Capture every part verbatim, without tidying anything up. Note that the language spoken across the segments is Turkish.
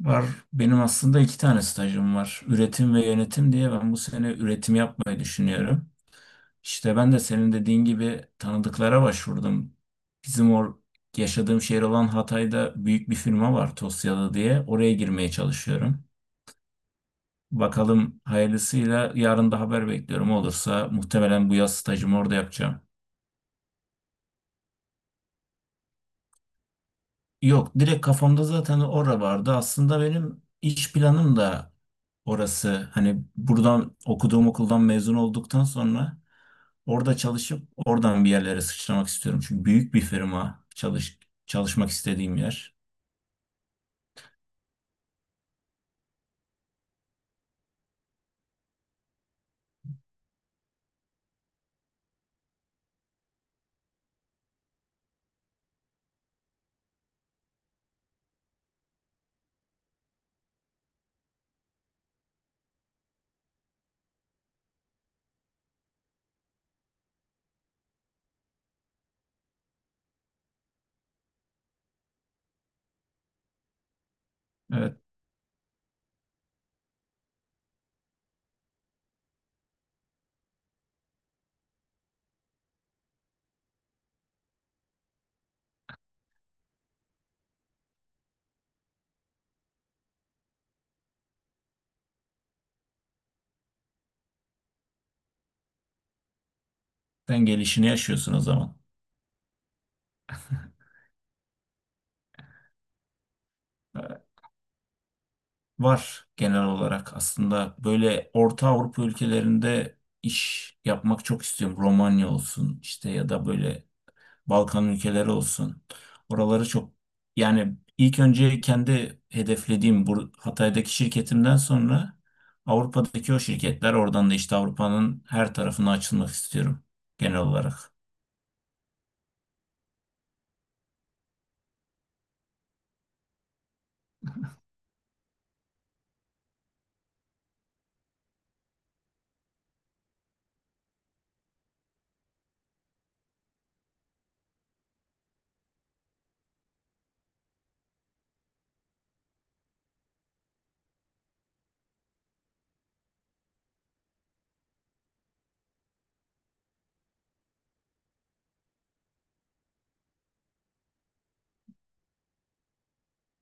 Var. Benim aslında iki tane stajım var. Üretim ve yönetim diye ben bu sene üretim yapmayı düşünüyorum. İşte ben de senin dediğin gibi tanıdıklara başvurdum. Bizim or Yaşadığım şehir olan Hatay'da büyük bir firma var, Tosyalı diye. Oraya girmeye çalışıyorum. Bakalım hayırlısıyla, yarın da haber bekliyorum. Olursa muhtemelen bu yaz stajımı orada yapacağım. Yok, direkt kafamda zaten ora vardı. Aslında benim iş planım da orası. Hani buradan okuduğum okuldan mezun olduktan sonra orada çalışıp oradan bir yerlere sıçramak istiyorum. Çünkü büyük bir firma, çalış, çalışmak istediğim yer. Evet. Sen gelişini yaşıyorsun o zaman. Ee, Var genel olarak. Aslında böyle Orta Avrupa ülkelerinde iş yapmak çok istiyorum. Romanya olsun işte, ya da böyle Balkan ülkeleri olsun. Oraları çok, yani ilk önce kendi hedeflediğim bu Hatay'daki şirketimden sonra Avrupa'daki o şirketler, oradan da işte Avrupa'nın her tarafına açılmak istiyorum genel olarak.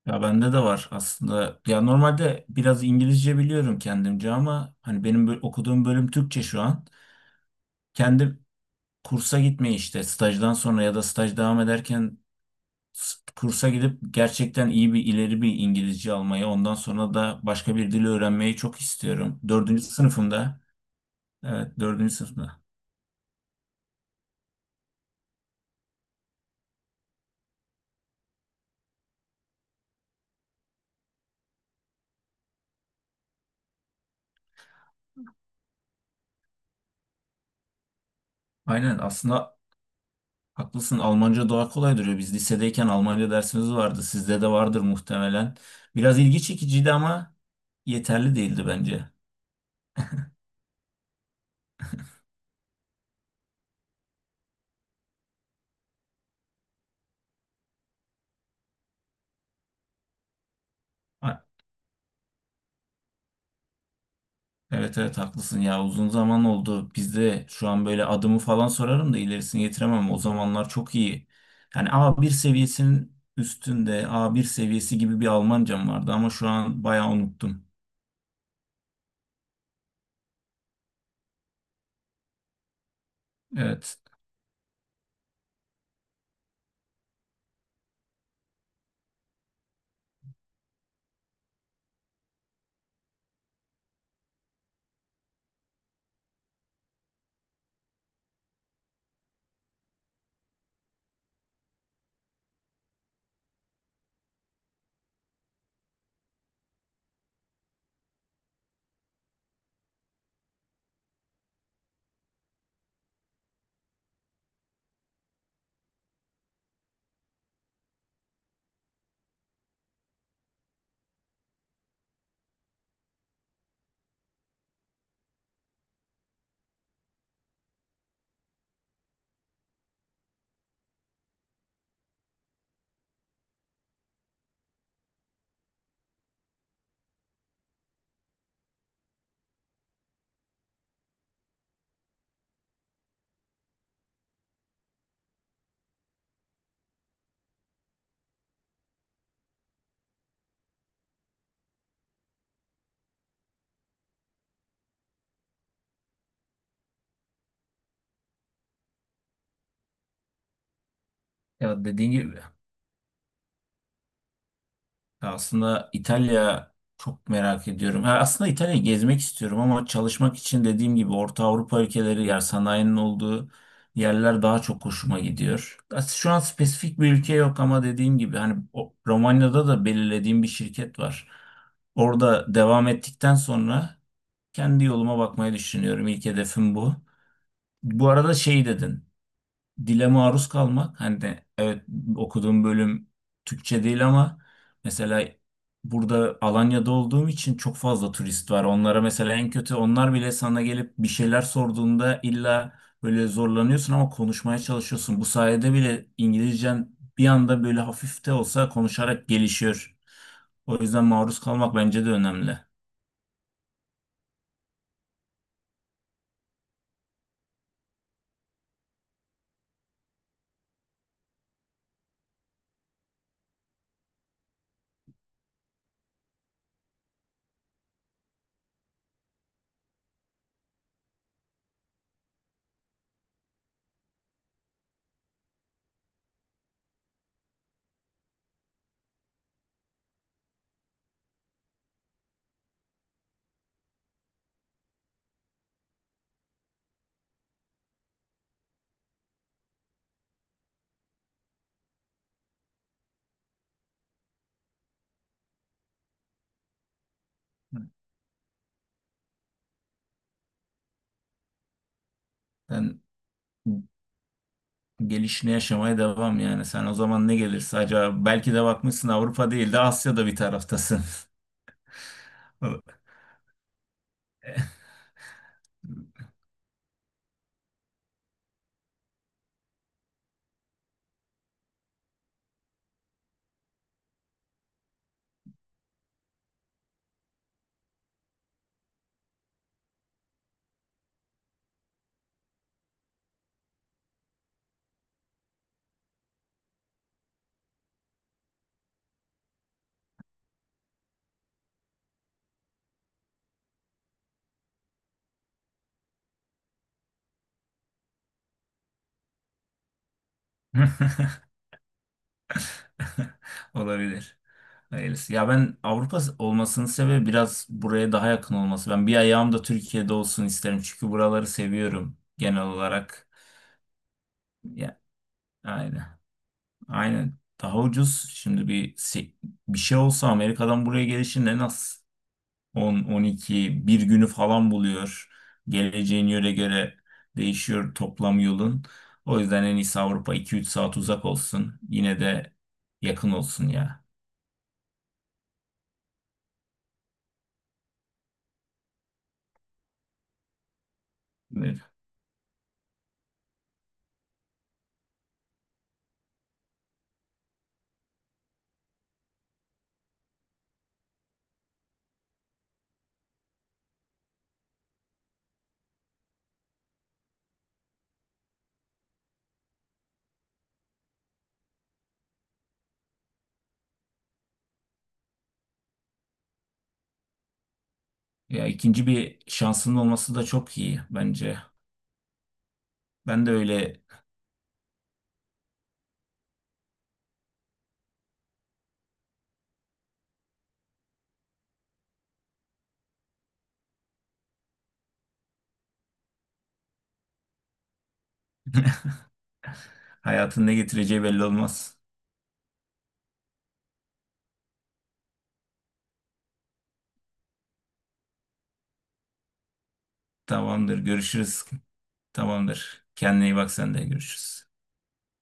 Ya bende de var aslında. Ya normalde biraz İngilizce biliyorum kendimce, ama hani benim bö- okuduğum bölüm Türkçe şu an. Kendi kursa gitmeyi işte stajdan sonra ya da staj devam ederken s- kursa gidip gerçekten iyi bir, ileri bir İngilizce almayı, ondan sonra da başka bir dili öğrenmeyi çok istiyorum. Dördüncü sınıfımda. Evet, dördüncü sınıfta. Aynen, aslında haklısın. Almanca daha kolay duruyor. Biz lisedeyken Almanca dersimiz vardı. Sizde de vardır muhtemelen. Biraz ilgi çekiciydi ama yeterli değildi bence. Ha, evet evet, haklısın ya. Uzun zaman oldu. Bizde şu an böyle adımı falan sorarım da ilerisini getiremem. O zamanlar çok iyi. Yani A bir seviyesinin üstünde, A bir seviyesi gibi bir Almancam vardı, ama şu an bayağı unuttum. Evet. Ya, dediğin gibi. Ya aslında İtalya çok merak ediyorum. Ha, aslında İtalya'yı gezmek istiyorum, ama çalışmak için dediğim gibi Orta Avrupa ülkeleri, yer sanayinin olduğu yerler daha çok hoşuma gidiyor. Aslında şu an spesifik bir ülke yok, ama dediğim gibi hani o- Romanya'da da belirlediğim bir şirket var. Orada devam ettikten sonra kendi yoluma bakmayı düşünüyorum. İlk hedefim bu. Bu arada şey dedin, dile maruz kalmak hani, de evet, okuduğum bölüm Türkçe değil ama mesela burada Alanya'da olduğum için çok fazla turist var. Onlara mesela en kötü onlar bile sana gelip bir şeyler sorduğunda illa böyle zorlanıyorsun ama konuşmaya çalışıyorsun. Bu sayede bile İngilizcen bir anda böyle, hafif de olsa, konuşarak gelişiyor. O yüzden maruz kalmak bence de önemli. Ben gelişini yaşamaya devam yani. Sen o zaman ne gelirse, acaba belki de bakmışsın Avrupa değil de Asya'da bir taraftasın. Olabilir. Hayırlısı. Ya, ben Avrupa olmasının sebebi biraz buraya daha yakın olması. Ben bir ayağım da Türkiye'de olsun isterim. Çünkü buraları seviyorum genel olarak. Ya, aynen. Aynen. Daha ucuz. Şimdi bir se- bir şey olsa Amerika'dan buraya gelişin en az on, on iki, bir günü falan buluyor. Geleceğin yöre göre değişiyor, toplam yolun. O yüzden en iyisi Avrupa iki üç saat uzak olsun. Yine de yakın olsun ya. Evet. Ya, ikinci bir şansının olması da çok iyi bence. Ben de öyle, hayatın ne getireceği belli olmaz. Tamamdır, görüşürüz. Tamamdır. Kendine iyi bak, sen de görüşürüz.